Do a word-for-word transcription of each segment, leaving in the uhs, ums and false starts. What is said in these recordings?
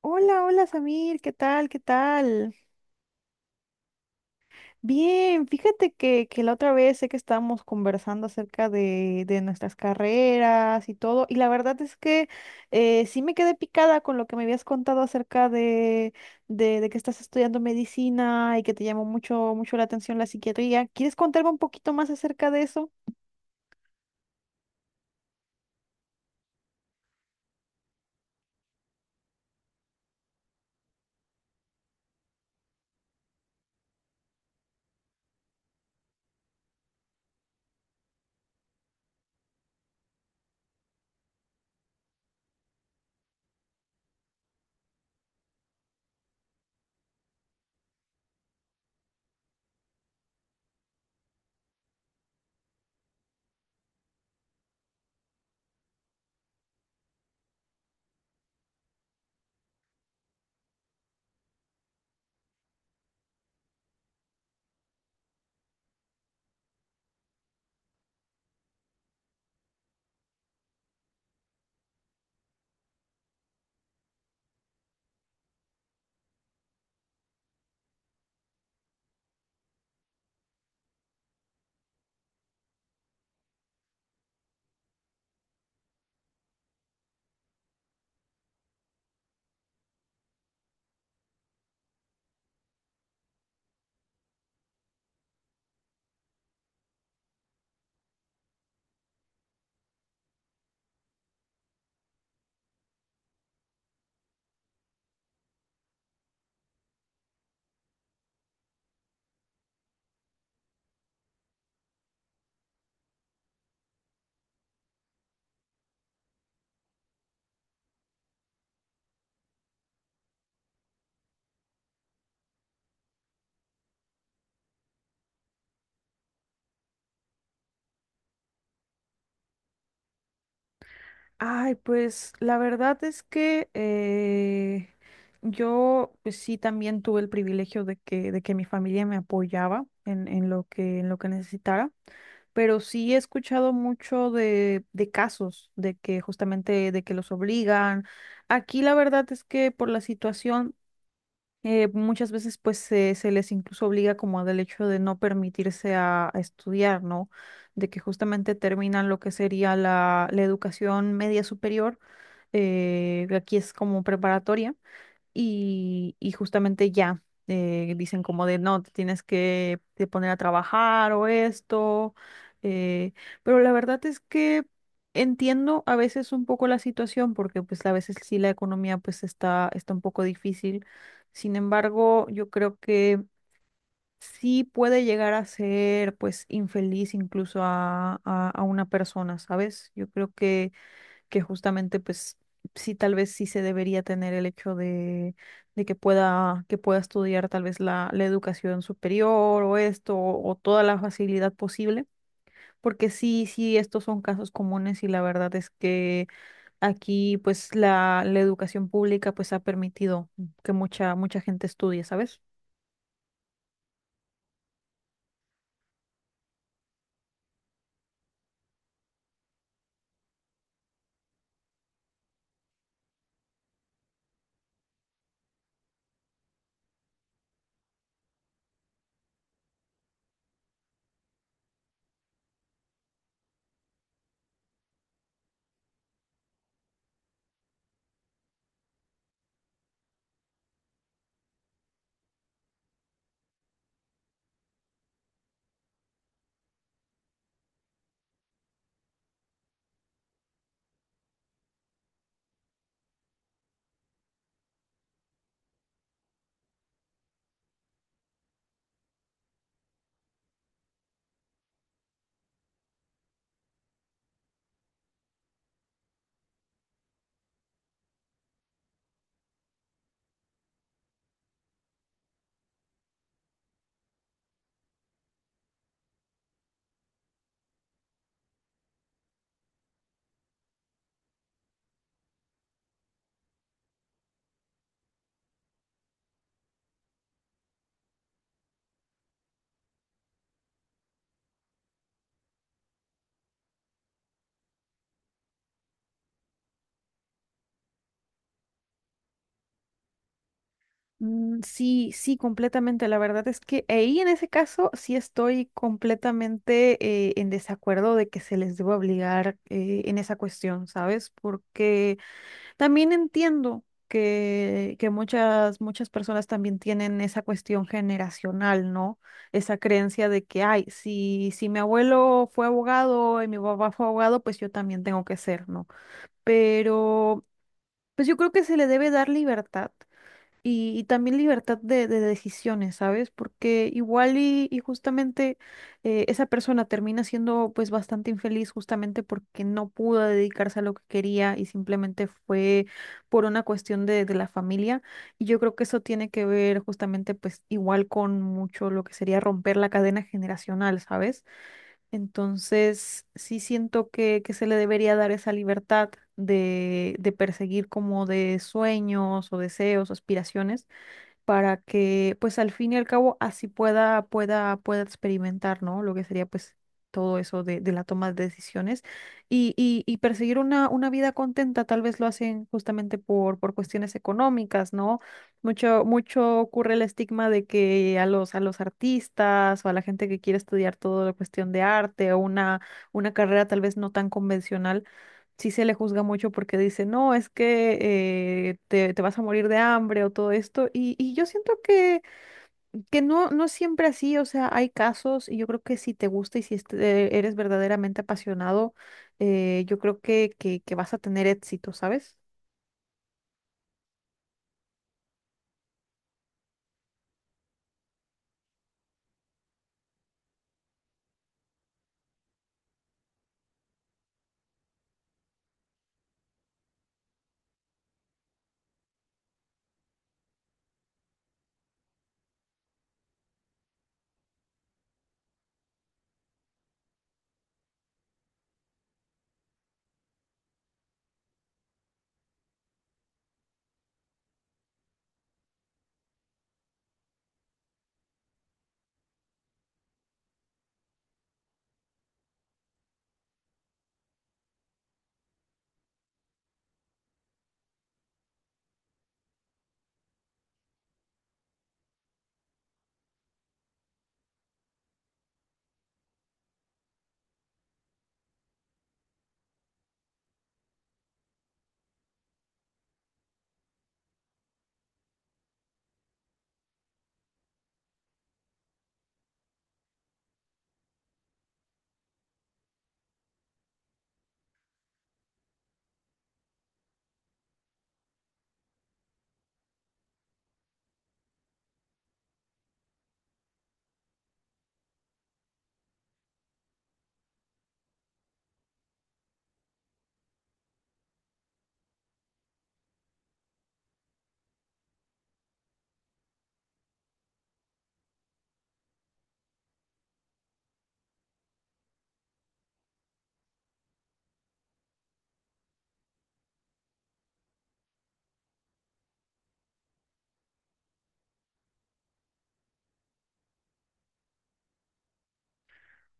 Hola, hola Samir, ¿qué tal? ¿Qué tal? Bien, fíjate que, que la otra vez sé que estábamos conversando acerca de, de nuestras carreras y todo, y la verdad es que eh, sí me quedé picada con lo que me habías contado acerca de, de, de que estás estudiando medicina y que te llamó mucho, mucho la atención la psiquiatría. ¿Quieres contarme un poquito más acerca de eso? Ay, pues la verdad es que eh, yo pues sí también tuve el privilegio de que, de que mi familia me apoyaba en, en lo que, en lo que necesitara, pero sí he escuchado mucho de, de casos de que justamente de que los obligan. Aquí la verdad es que por la situación eh, muchas veces pues se, se les incluso obliga como del hecho de no permitirse a, a estudiar, ¿no? De que justamente terminan lo que sería la la educación media superior, eh, aquí es como preparatoria, y, y justamente ya eh, dicen como de no, te tienes que te poner a trabajar o esto. eh, pero la verdad es que entiendo a veces un poco la situación porque pues a veces sí la economía pues está, está un poco difícil. Sin embargo, yo creo que sí puede llegar a ser pues infeliz incluso a, a a una persona, ¿sabes? Yo creo que que justamente pues sí, tal vez sí se debería tener el hecho de, de que pueda, que pueda estudiar tal vez la, la educación superior o esto o toda la facilidad posible. Porque sí, sí, estos son casos comunes y la verdad es que aquí pues la, la educación pública pues ha permitido que mucha, mucha gente estudie, ¿sabes? Mm. Sí, sí, completamente. La verdad es que ahí en ese caso sí estoy completamente eh, en desacuerdo de que se les deba obligar eh, en esa cuestión, ¿sabes? Porque también entiendo que, que muchas, muchas personas también tienen esa cuestión generacional, ¿no? Esa creencia de que, ay, si, si mi abuelo fue abogado y mi papá fue abogado, pues yo también tengo que ser, ¿no? Pero pues yo creo que se le debe dar libertad y, y también libertad de, de decisiones, ¿sabes? Porque igual y, y justamente eh, esa persona termina siendo pues bastante infeliz justamente porque no pudo dedicarse a lo que quería y simplemente fue por una cuestión de, de la familia. Y yo creo que eso tiene que ver justamente pues igual con mucho lo que sería romper la cadena generacional, ¿sabes? Entonces sí siento que, que se le debería dar esa libertad de, de perseguir como de sueños o deseos, aspiraciones, para que pues al fin y al cabo así pueda, pueda, pueda experimentar, ¿no? Lo que sería pues todo eso de, de la toma de decisiones y, y, y perseguir una, una vida contenta. Tal vez lo hacen justamente por, por cuestiones económicas, ¿no? Mucho, mucho ocurre el estigma de que a los, a los artistas o a la gente que quiere estudiar toda la cuestión de arte o una, una carrera tal vez no tan convencional, sí se le juzga mucho porque dice, no, es que eh, te, te vas a morir de hambre o todo esto. Y, y yo siento que, que no, no es siempre así, o sea, hay casos y yo creo que si te gusta y si este- eres verdaderamente apasionado, eh, yo creo que, que, que vas a tener éxito, ¿sabes?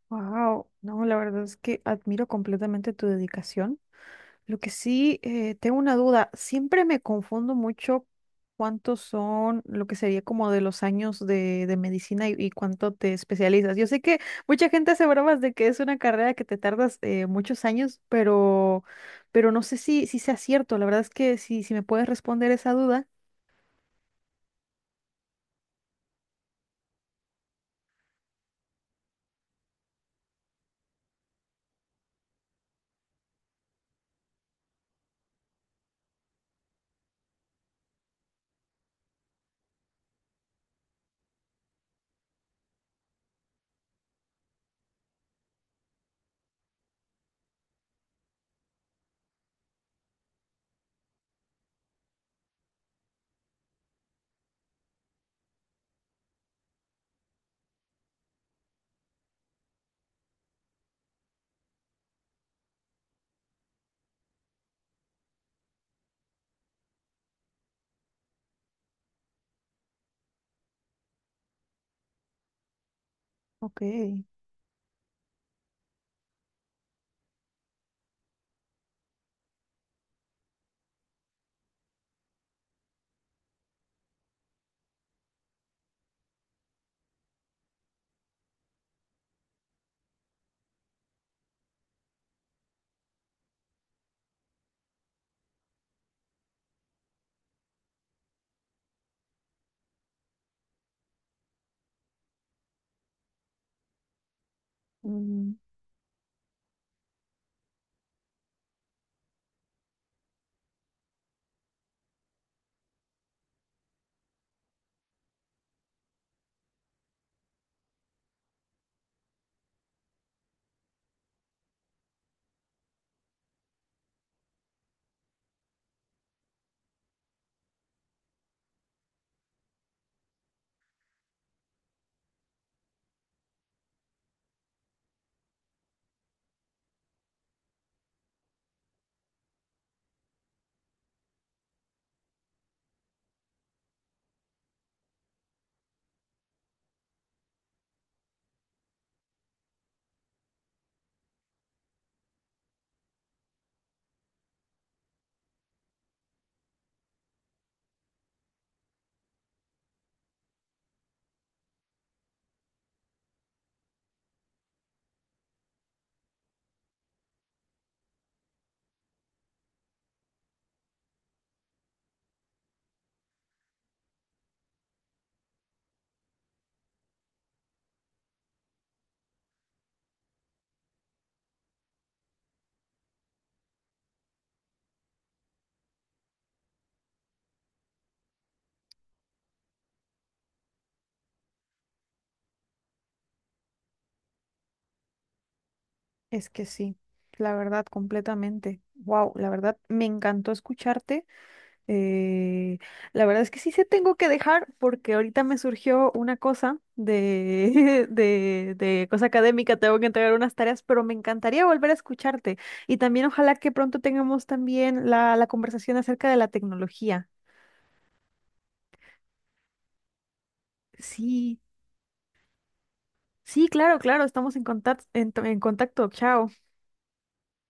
Wow, no, la verdad es que admiro completamente tu dedicación. Lo que sí, eh, tengo una duda. Siempre me confundo mucho cuántos son lo que sería como de los años de, de medicina y, y cuánto te especializas. Yo sé que mucha gente hace bromas de que es una carrera que te tardas eh, muchos años, pero, pero no sé si, si sea cierto. La verdad es que si, si me puedes responder esa duda. Ok. Mm. Es que sí, la verdad, completamente. Wow, la verdad, me encantó escucharte. Eh, la verdad es que sí se tengo que dejar porque ahorita me surgió una cosa de, de, de cosa académica, tengo que entregar unas tareas, pero me encantaría volver a escucharte y también ojalá que pronto tengamos también la, la conversación acerca de la tecnología. Sí, sí, claro, claro, estamos en contacto, en en contacto, chao.